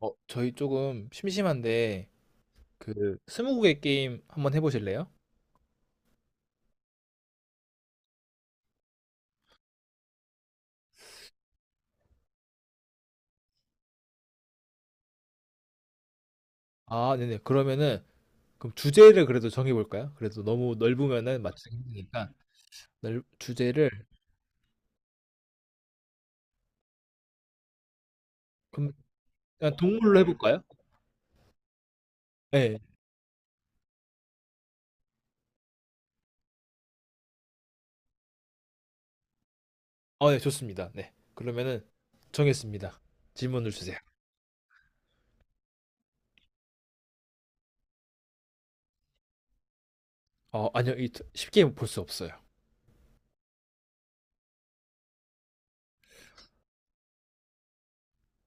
저희 조금 심심한데 그 스무고개 게임 한번 해보실래요? 아, 네네. 그러면은 그럼 주제를 그래도 정해볼까요? 그래도 너무 넓으면은 맞추기 힘드니까 주제를 그럼 그냥 동물로 해볼까요? 네. 네, 좋습니다. 네. 그러면은 정했습니다. 질문을 주세요. 아니요, 쉽게 볼 수 없어요.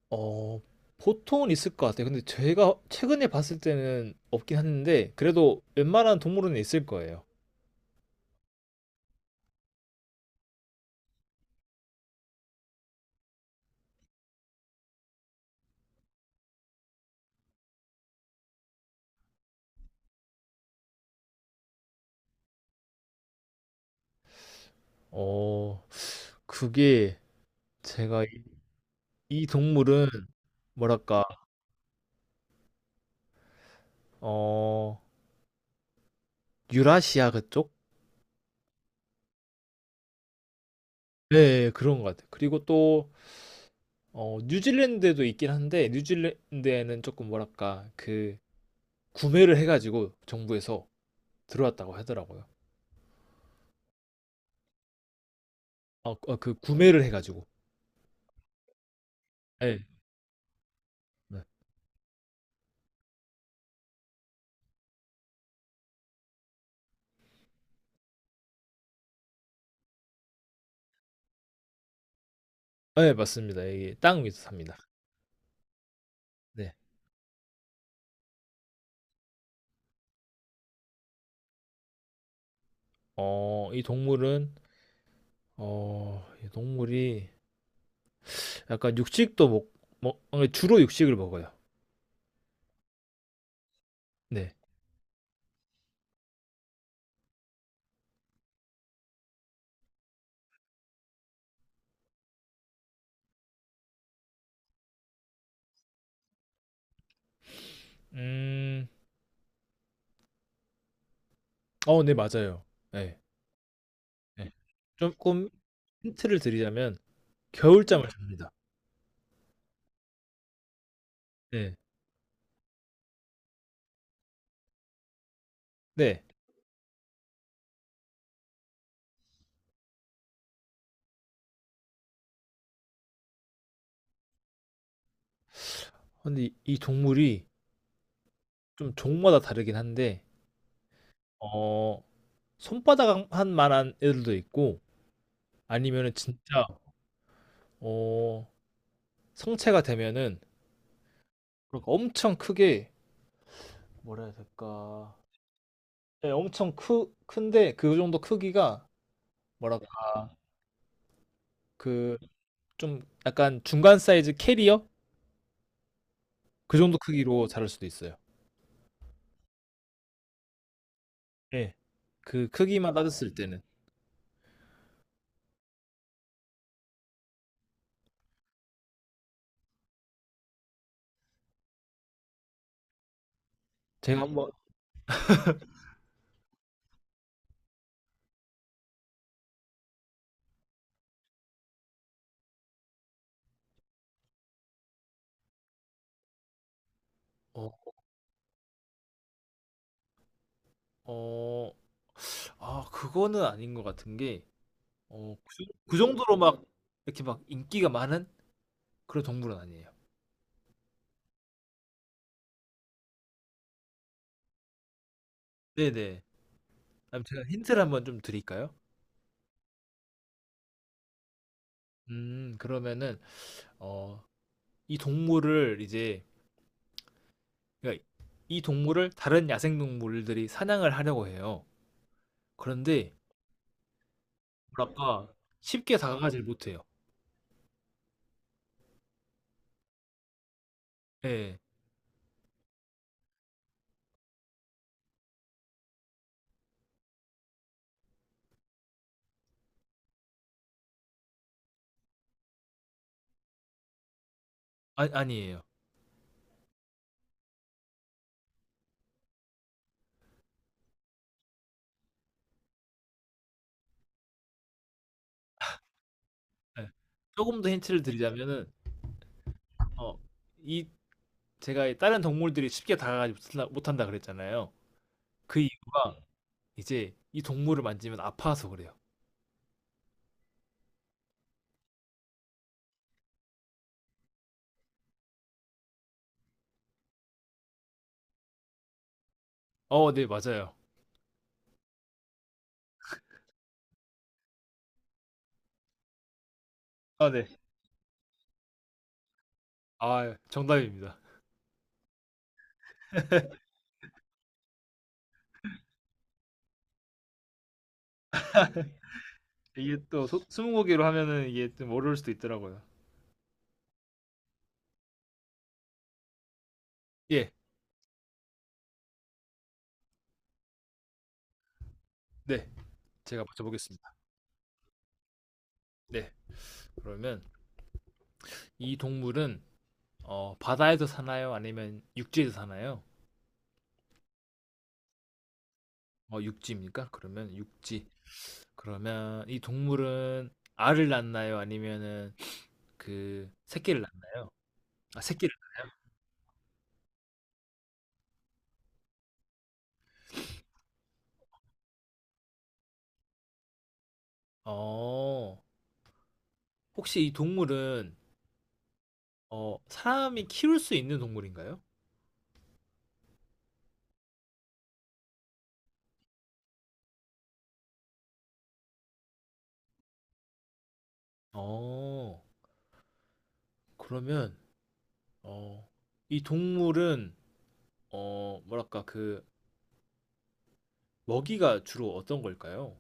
어, 보통은 있을 것 같아요. 근데 제가 최근에 봤을 때는 없긴 했는데 그래도 웬만한 동물은 있을 거예요. 어, 그게 제가 이 동물은 뭐랄까, 어 유라시아 그쪽? 네 네, 그런 것 같아요. 그리고 또 뉴질랜드에도 있긴 한데 뉴질랜드에는 조금 뭐랄까 그 구매를 해가지고 정부에서 들어왔다고 하더라고요. 그 구매를 해가지고. 네, 네, 네, 맞습니다. 이게 땅 위에서 삽니다. 네. 어, 이 동물은 이 동물이 약간 육식도 먹, 먹, 어, 주로 육식을 먹어요. 네. 음, 네 맞아요. 네. 네. 쪼끔 힌트를 드리자면 겨울잠을, 네, 잡니다. 네. 네. 근데 이 동물이 좀 종마다 다르긴 한데 어 손바닥 한 만한 애들도 있고 아니면은 진짜 어 성체가 되면은 그니까 엄청 크게 뭐라 해야 될까? 예, 엄청 크 큰데 그 정도 크기가 뭐랄까 그 좀 약간 중간 사이즈 캐리어? 그 정도 크기로 자랄 수도 있어요. 예. 그 크기만 따졌을 때는. 제가 한번. 어 어, 그거는 아닌 것 같은 게, 그, 그 정도로 막, 이렇게 막 인기가 많은 그런 동물은 아니에요. 네네. 그럼 제가 힌트를 한번 좀 드릴까요? 그러면은, 어, 이 동물을 이제, 그러니까 이 동물을 다른 야생동물들이 사냥을 하려고 해요. 그런데, 뭐랄까, 쉽게 다가가질 못해요. 예, 아, 아니에요. 예. 조금 더 힌트를 드리자면은, 어, 이, 제가 다른 동물들이 쉽게 다가가지 못한다, 못한다 그랬잖아요. 그 이유가 이제 이 동물을 만지면 아파서 그래요. 네, 맞아요. 아, 네. 아, 정답입니다. 이게 또 스무고개로 하면은 이게 좀 어려울 수도 있더라고요. 예, 네, 제가 맞춰보겠습니다. 네, 그러면 이 동물은 바다에서 사나요? 아니면 육지에서 사나요? 육지입니까? 그러면 육지. 그러면 이 동물은 알을 낳나요? 아니면은 그 새끼를 낳나요? 아, 새끼를. 어, 혹시 이 동물은 사람이 키울 수 있는 동물인가요? 어, 그러면, 어, 이 동물은, 뭐랄까, 그, 먹이가 주로 어떤 걸까요?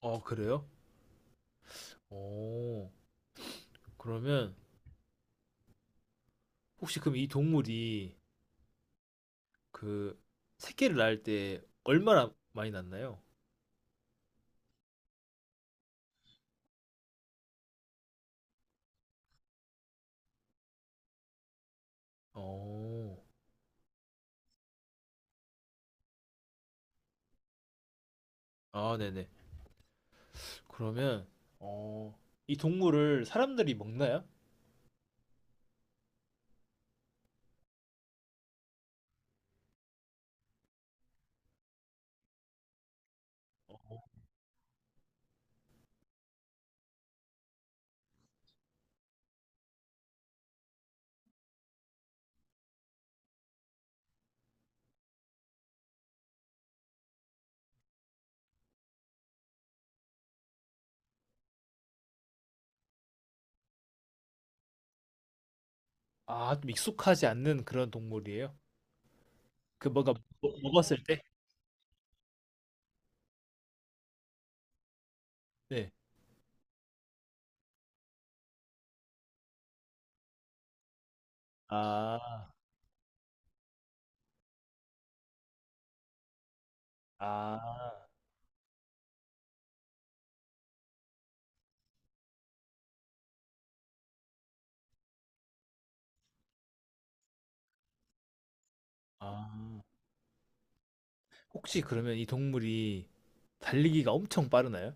그래요? 어, 그러면, 혹시 그럼 이 동물이, 그, 새끼를 낳을 때 얼마나 많이 낳나요? 어, 네네. 그러면, 어, 이 동물을 사람들이 먹나요? 아, 좀 익숙하지 않는 그런 동물이에요? 그, 뭔가, 먹었을 때? 네. 아. 아. 아. 혹시 그러면 이 동물이 달리기가 엄청 빠르나요?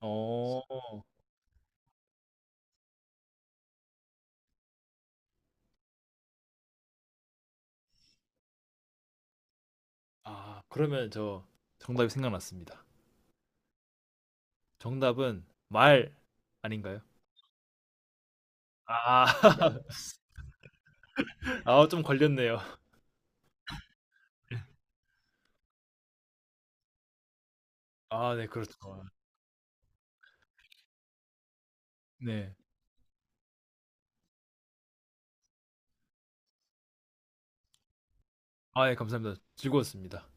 어. 아, 그러면 저 정답이 생각났습니다. 정답은 말 아닌가요? 아. 아, 좀 걸렸네요. 아, 네, 그렇죠. 네. 아, 예, 감사합니다. 즐거웠습니다.